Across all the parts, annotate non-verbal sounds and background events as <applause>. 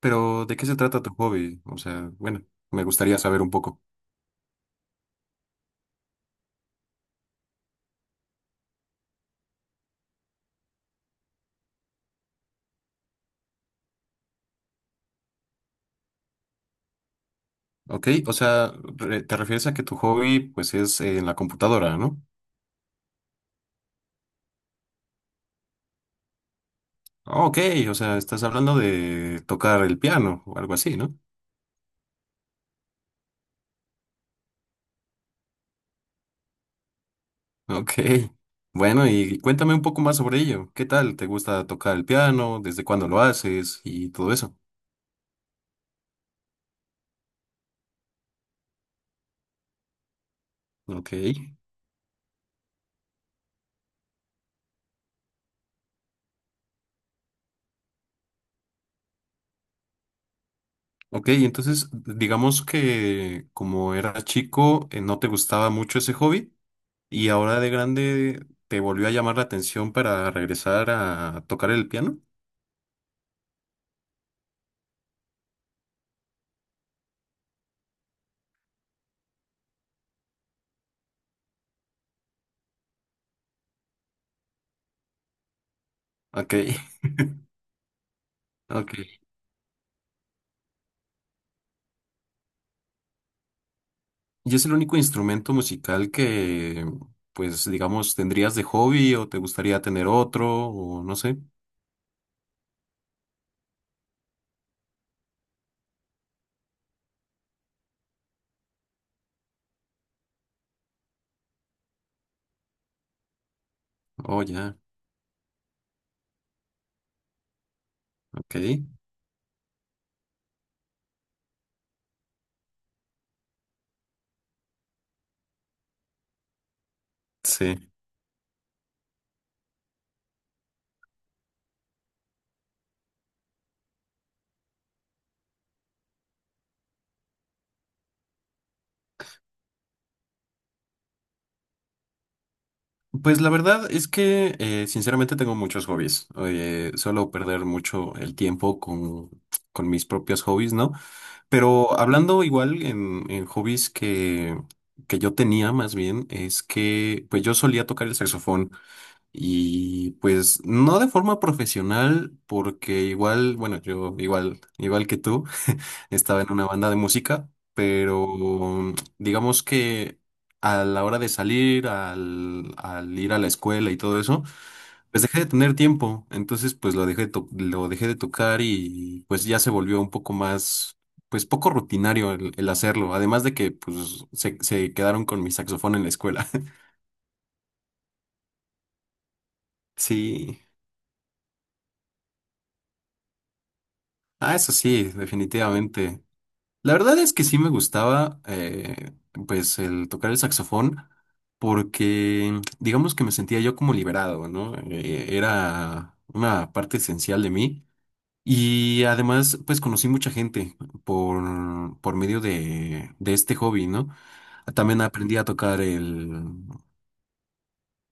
Pero, ¿de qué se trata tu hobby? O sea, bueno, me gustaría saber un poco. Ok, o sea, te refieres a que tu hobby, pues, es en la computadora, ¿no? Ah, ok, o sea, estás hablando de tocar el piano o algo así, ¿no? Ok. <laughs> Bueno, y cuéntame un poco más sobre ello. ¿Qué tal? ¿Te gusta tocar el piano? ¿Desde cuándo lo haces? Y todo eso. Ok. Ok, entonces, digamos que como eras chico, ¿no te gustaba mucho ese hobby? ¿Y ahora de grande te volvió a llamar la atención para regresar a tocar el piano? Ok, <laughs> ok. ¿Y es el único instrumento musical que, pues, digamos, tendrías de hobby o te gustaría tener otro o no sé? Oh, ya, ok. Sí. Pues la verdad es que, sinceramente, tengo muchos hobbies. Oye, suelo perder mucho el tiempo con mis propios hobbies, ¿no? Pero hablando igual en hobbies que yo tenía más bien, es que pues yo solía tocar el saxofón y pues no de forma profesional porque igual, bueno, yo igual, igual que tú estaba en una banda de música, pero digamos que a la hora de al ir a la escuela y todo eso, pues dejé de tener tiempo, entonces pues lo dejé, lo dejé de tocar y pues ya se volvió un poco más, pues poco rutinario el hacerlo, además de que pues se quedaron con mi saxofón en la escuela. <laughs> Sí, ah, eso sí, definitivamente. La verdad es que sí me gustaba, pues, el tocar el saxofón, porque digamos que me sentía yo como liberado, ¿no? Era una parte esencial de mí. Y además, pues, conocí mucha gente por medio de este hobby, ¿no? También aprendí a tocar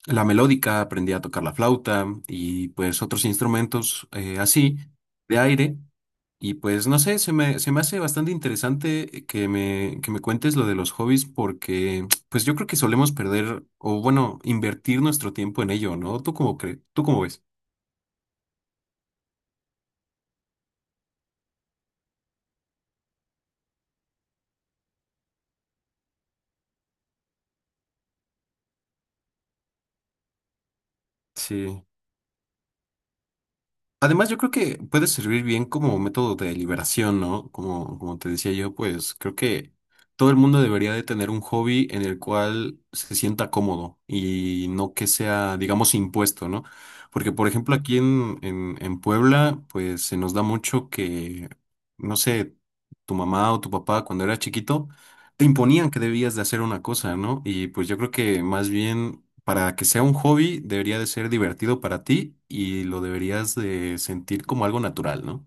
la melódica, aprendí a tocar la flauta y, pues, otros instrumentos así de aire. Y pues no sé, se me hace bastante interesante que que me cuentes lo de los hobbies porque pues yo creo que solemos perder o bueno, invertir nuestro tiempo en ello, ¿no? ¿Tú cómo crees? ¿Tú cómo ves? Sí. Además, yo creo que puede servir bien como método de liberación, ¿no? Como, como te decía yo, pues creo que todo el mundo debería de tener un hobby en el cual se sienta cómodo y no que sea, digamos, impuesto, ¿no? Porque, por ejemplo, aquí en Puebla, pues se nos da mucho que, no sé, tu mamá o tu papá cuando era chiquito, te imponían que debías de hacer una cosa, ¿no? Y pues yo creo que más bien para que sea un hobby, debería de ser divertido para ti y lo deberías de sentir como algo natural, ¿no?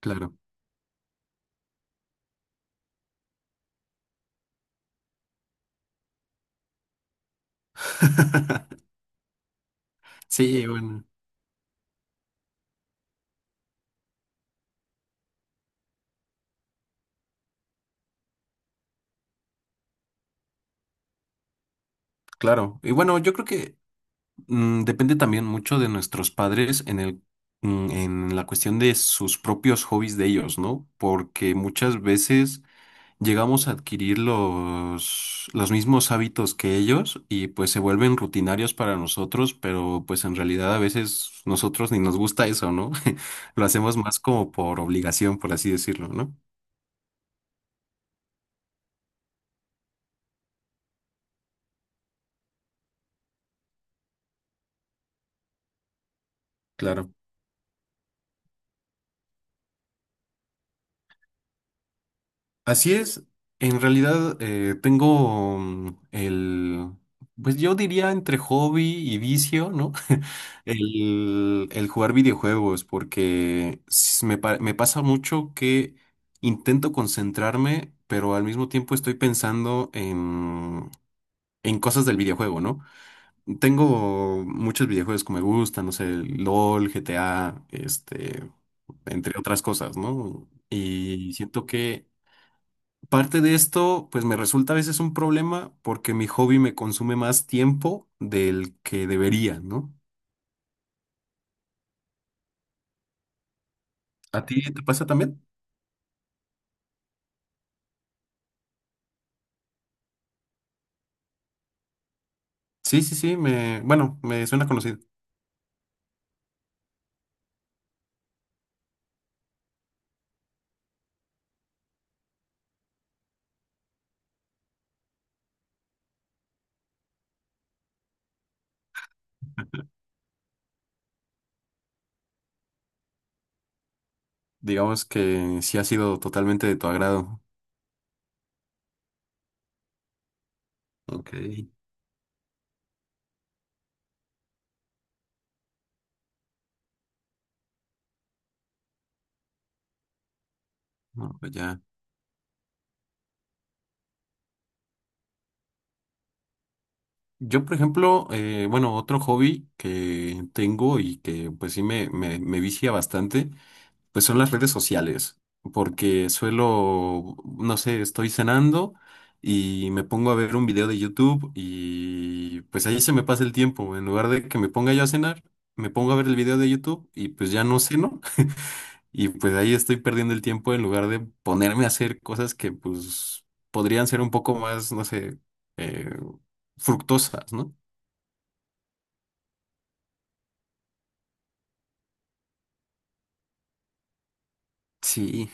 Claro. <laughs> Sí, bueno, claro. Y bueno, yo creo que depende también mucho de nuestros padres en en la cuestión de sus propios hobbies de ellos, ¿no? Porque muchas veces llegamos a adquirir los mismos hábitos que ellos y pues se vuelven rutinarios para nosotros, pero pues en realidad a veces nosotros ni nos gusta eso, ¿no? <laughs> Lo hacemos más como por obligación, por así decirlo, ¿no? Claro. Así es, en realidad tengo pues yo diría entre hobby y vicio, ¿no? <laughs> El jugar videojuegos, porque me pasa mucho que intento concentrarme, pero al mismo tiempo estoy pensando en cosas del videojuego, ¿no? Tengo muchos videojuegos que me gustan, no sé, LOL, GTA, este, entre otras cosas, ¿no? Y siento que parte de esto, pues me resulta a veces un problema porque mi hobby me consume más tiempo del que debería, ¿no? ¿A ti te pasa también? Sí, sí, sí, me, bueno, me suena conocido. Digamos que sí ha sido totalmente de tu agrado. Ok, no, pues ya. Yo, por ejemplo, bueno, otro hobby que tengo y que pues sí me vicia bastante. Pues son las redes sociales, porque suelo, no sé, estoy cenando y me pongo a ver un video de YouTube y pues ahí se me pasa el tiempo. En lugar de que me ponga yo a cenar, me pongo a ver el video de YouTube y pues ya no ceno <laughs> y pues ahí estoy perdiendo el tiempo en lugar de ponerme a hacer cosas que pues podrían ser un poco más, no sé, eh, fructosas, ¿no? Sí,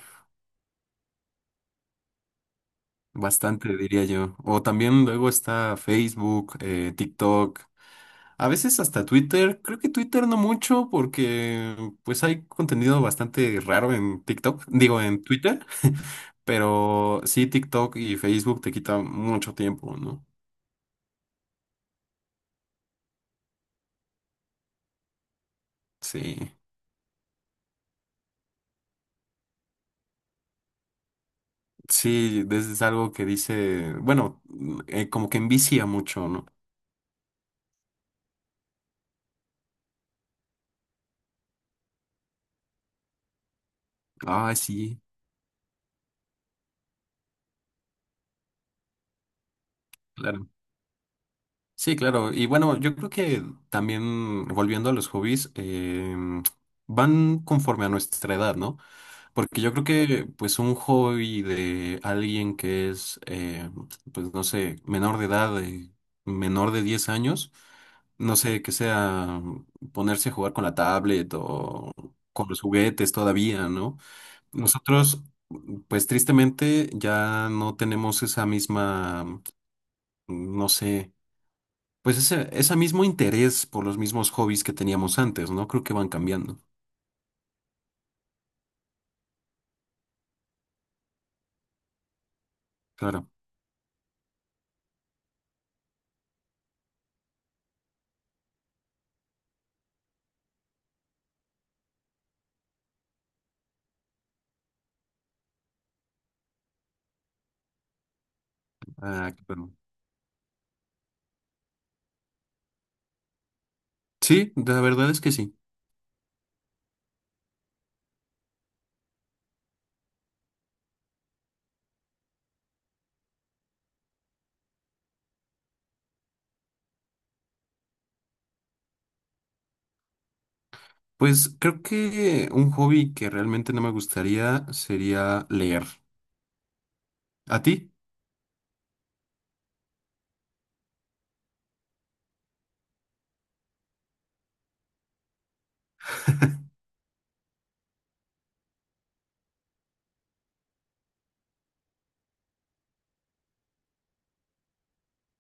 bastante diría yo. O también luego está Facebook, TikTok. A veces hasta Twitter, creo que Twitter no mucho porque pues hay contenido bastante raro en TikTok, digo en Twitter, <laughs> pero sí TikTok y Facebook te quitan mucho tiempo, ¿no? Sí, sí, es algo que dice, bueno, como que envicia mucho, ¿no? Ah, sí, claro. Sí, claro. Y bueno, yo creo que también volviendo a los hobbies, van conforme a nuestra edad, ¿no? Porque yo creo que pues un hobby de alguien que es, pues no sé, menor de edad, menor de 10 años, no sé, que sea ponerse a jugar con la tablet o con los juguetes todavía, ¿no? Nosotros, pues tristemente, ya no tenemos esa misma, no sé, pues ese mismo interés por los mismos hobbies que teníamos antes, ¿no? Creo que van cambiando. Claro. Ah, claro. Sí, la verdad es que sí. Pues creo que un hobby que realmente no me gustaría sería leer. ¿A ti?